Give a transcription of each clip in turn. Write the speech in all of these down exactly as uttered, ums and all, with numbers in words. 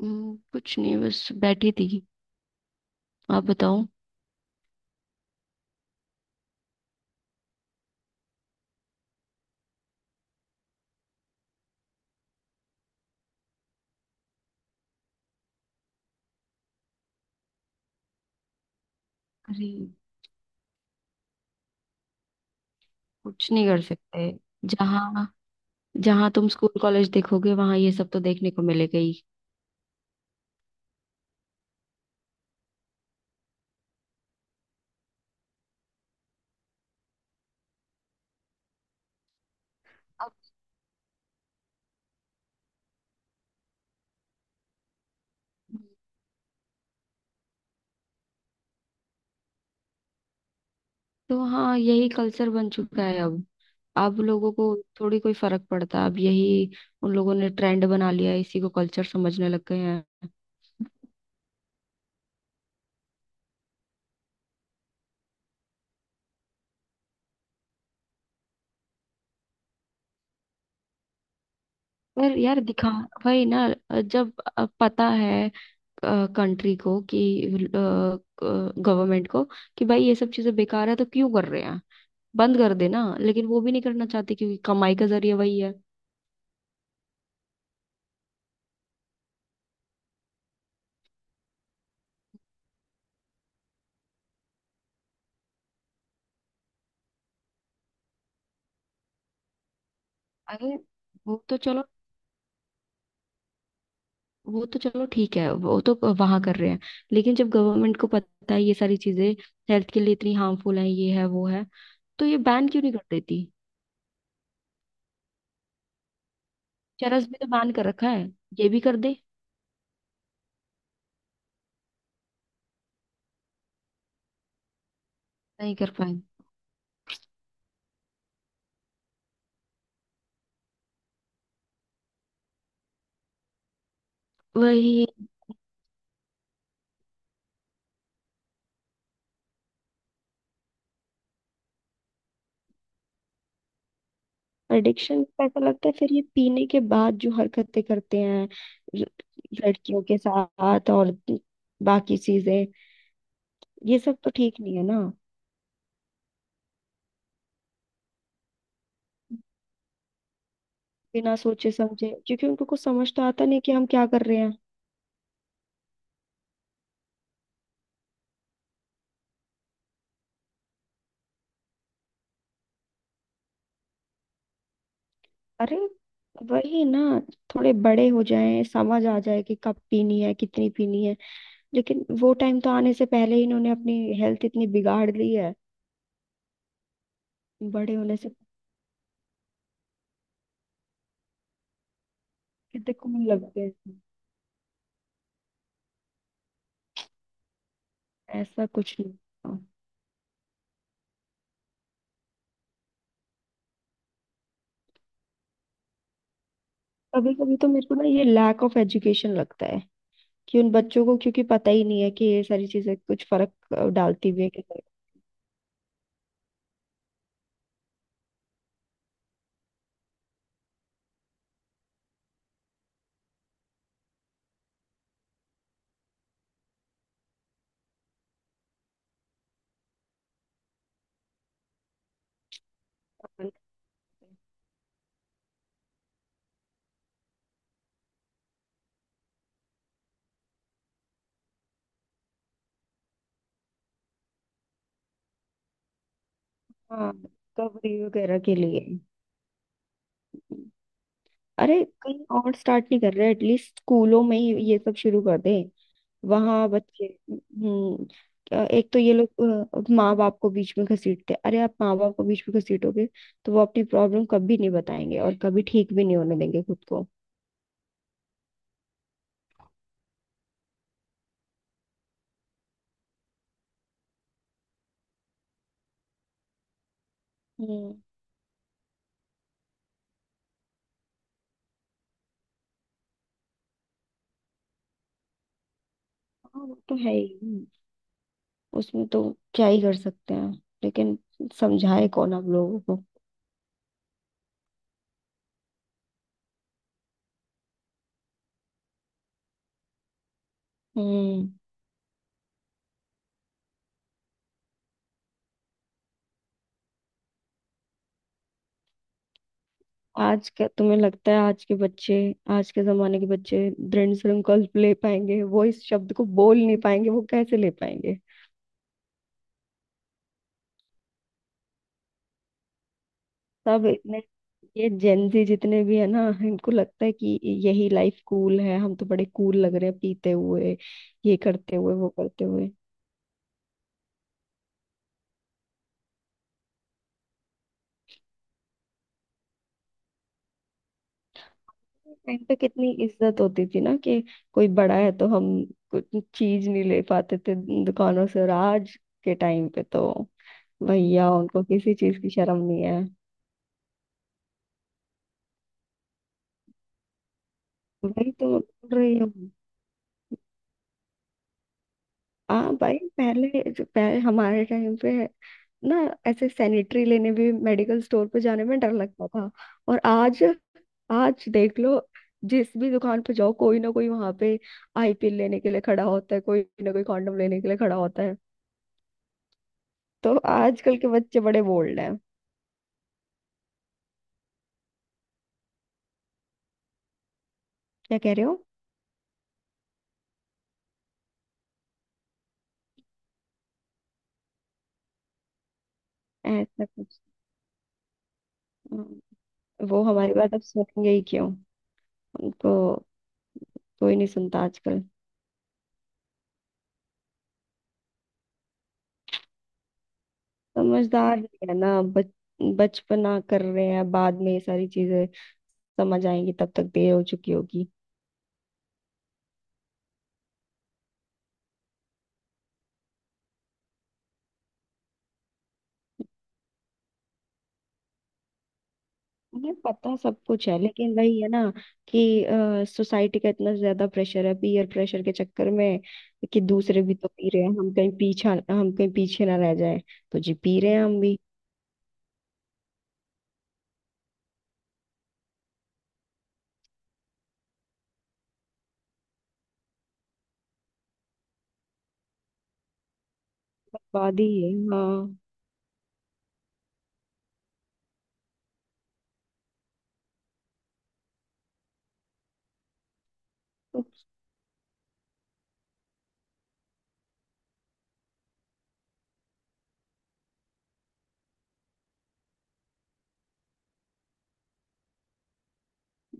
हम्म, कुछ नहीं, बस बैठी थी। आप बताओ। अरे, कुछ नहीं कर सकते। जहाँ जहाँ तुम स्कूल कॉलेज देखोगे, वहां ये सब तो देखने को मिलेगा ही। अब तो हाँ, यही कल्चर बन चुका है अब। अब लोगों को थोड़ी कोई फर्क पड़ता, अब यही उन लोगों ने ट्रेंड बना लिया है, इसी को कल्चर समझने लग गए हैं। पर यार, दिखा वही ना। जब अब पता है कंट्री को कि गवर्नमेंट को कि भाई ये सब चीजें बेकार है, तो क्यों कर रहे हैं? बंद कर देना, लेकिन वो भी नहीं करना चाहते क्योंकि कमाई का जरिया वही है। अरे, वो तो चलो वो तो चलो ठीक है, वो तो वहां कर रहे हैं। लेकिन जब गवर्नमेंट को पता है ये सारी चीजें हेल्थ के लिए इतनी हार्मफुल है, ये है वो है, तो ये बैन क्यों नहीं कर देती? चरस भी तो बैन कर रखा है, ये भी कर दे। नहीं कर पाए, वही। एडिक्शन पे ऐसा लगता है, फिर ये पीने के बाद जो हरकतें करते हैं, ल- लड़कियों के साथ और बाकी चीजें, ये सब तो ठीक नहीं है ना। बिना सोचे समझे, क्योंकि उनको कुछ समझ तो आता नहीं कि हम क्या कर रहे हैं। अरे, वही ना। थोड़े बड़े हो जाएं, समझ आ जाए कि कब पीनी है, कितनी पीनी है, लेकिन वो टाइम तो आने से पहले ही इन्होंने अपनी हेल्थ इतनी बिगाड़ ली है बड़े होने से। कितने कौन लगते हैं, ऐसा कुछ नहीं। कभी कभी तो मेरे को ना ये लैक ऑफ एजुकेशन लगता है, कि उन बच्चों को क्योंकि पता ही नहीं है कि ये सारी चीजें कुछ फर्क अ, डालती भी है कि नहीं। हाँ, रिकवरी वगैरह के लिए। अरे, कहीं और स्टार्ट नहीं कर रहे, एटलीस्ट स्कूलों में ही ये सब शुरू कर दे, वहां बच्चे। हम्म। क्या- एक तो ये लोग माँ बाप को बीच में घसीटते हैं। अरे, आप माँ बाप को बीच में घसीटोगे तो वो अपनी प्रॉब्लम कभी नहीं बताएंगे और कभी ठीक भी नहीं होने देंगे खुद को। हम्म। हाँ, वो तो है ही। हम्म, उसमें तो क्या ही कर सकते हैं, लेकिन समझाए कौन आप लोगों को। हम्म। आज का तुम्हें लगता है आज के बच्चे आज के जमाने के बच्चे दृढ़ संकल्प ले पाएंगे? वो इस शब्द को बोल नहीं पाएंगे, वो कैसे ले पाएंगे? सब इतने ये जेंजी जितने भी है ना, इनको लगता है कि यही लाइफ कूल है, हम तो बड़े कूल लग रहे हैं पीते हुए, ये करते हुए, वो करते हुए। टाइम पे कितनी इज्जत होती थी ना कि कोई बड़ा है तो हम कुछ चीज नहीं ले पाते थे दुकानों से, और आज के टाइम पे तो भैया, उनको किसी चीज की शर्म नहीं है। वही तो बोल रही हूँ। हाँ भाई, पहले जो पहले हमारे टाइम पे ना, ऐसे सैनिटरी लेने भी मेडिकल स्टोर पे जाने में डर लगता था, और आज आज देख लो, जिस भी दुकान पे जाओ, कोई ना कोई वहां पे आई पिल लेने के लिए खड़ा होता है, कोई ना कोई कॉन्डम लेने के लिए खड़ा होता है। तो आजकल के बच्चे बड़े बोल्ड हैं। क्या कह रहे हो? ऐसा कुछ। हम्म, वो हमारी बात अब सुनेंगे ही क्यों? उनको कोई नहीं सुनता आजकल। समझदार नहीं है ना, बच बचपना कर रहे हैं, बाद में ये सारी चीजें समझ आएंगी, तब तक देर हो चुकी होगी। मुझे पता सब कुछ है, लेकिन वही है ना कि सोसाइटी का इतना ज्यादा प्रेशर है, पीयर प्रेशर के चक्कर में कि दूसरे भी तो पी रहे हैं, हम कहीं पीछा हम कहीं पीछे ना रह जाए, तो जी पी रहे हैं हम भी। बर्बादी है, हाँ।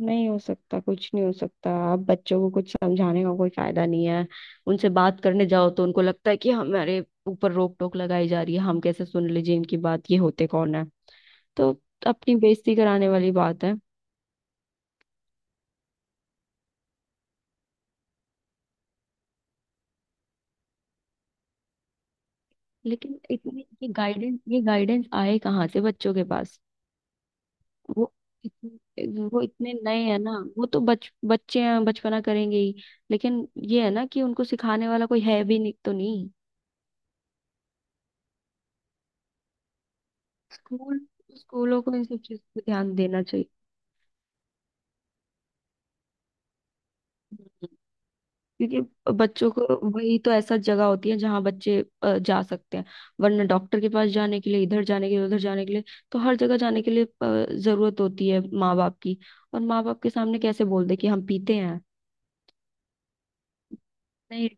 नहीं हो सकता, कुछ नहीं हो सकता, आप बच्चों को कुछ समझाने का कोई फायदा नहीं है। उनसे बात करने जाओ तो उनको लगता है कि हमारे ऊपर रोक टोक लगाई जा रही है, हम कैसे सुन लीजिए इनकी बात, ये होते कौन है? तो अपनी बेइज्जती कराने वाली बात है। लेकिन इतनी ये गाइडेंस ये गाइडेंस आए कहाँ से बच्चों के पास? वो इतने, वो इतने नए हैं ना, वो तो बच बच्चे हैं, बचपना करेंगे ही, लेकिन ये है ना कि उनको सिखाने वाला कोई है भी नहीं, तो नहीं। स्कूल स्कूलों को इन सब चीज पे ध्यान देना चाहिए, क्योंकि बच्चों को वही तो ऐसा जगह होती है जहां बच्चे अ, जा सकते हैं। वरना डॉक्टर के पास जाने के लिए, इधर जाने के लिए, उधर जाने के लिए, तो हर जगह जाने के लिए अ, जरूरत होती है माँ बाप की, और माँ बाप के सामने कैसे बोल दे कि हम पीते हैं? नहीं,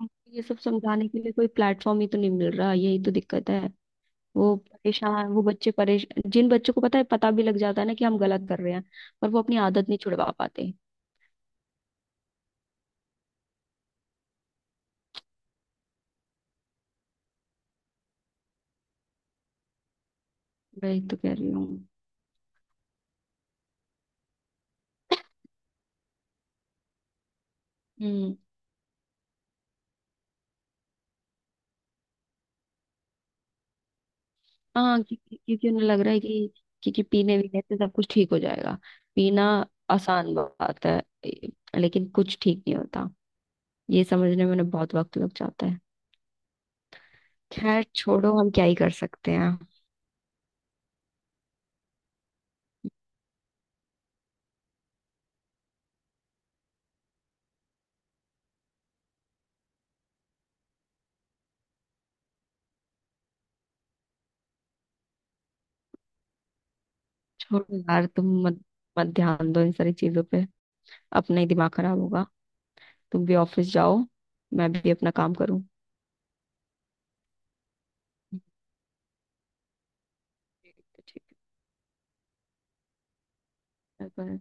उनको ये सब समझाने के लिए कोई प्लेटफॉर्म ही तो नहीं मिल रहा, यही तो दिक्कत है। वो परेशान वो बच्चे परेशान, जिन बच्चों को पता है, पता भी लग जाता है ना कि हम गलत कर रहे हैं, पर वो अपनी आदत नहीं छुड़वा पाते। वही तो कह रही हूँ। हम्म। हाँ, क्योंकि क्योंकि उन्हें लग रहा है कि क्योंकि पीने वीने से सब कुछ ठीक हो जाएगा। पीना आसान बात है, ए- लेकिन कुछ ठीक नहीं होता, ये समझने में उन्हें बहुत वक्त लग जाता है। खैर, छोड़ो, हम क्या ही कर सकते हैं। छोड़ो यार, तुम मत मत ध्यान दो इन सारी चीजों पे, अपना ही दिमाग खराब होगा। तुम भी ऑफिस जाओ, मैं भी अपना काम करूँ। ठीक है, ठीक है, bye-bye।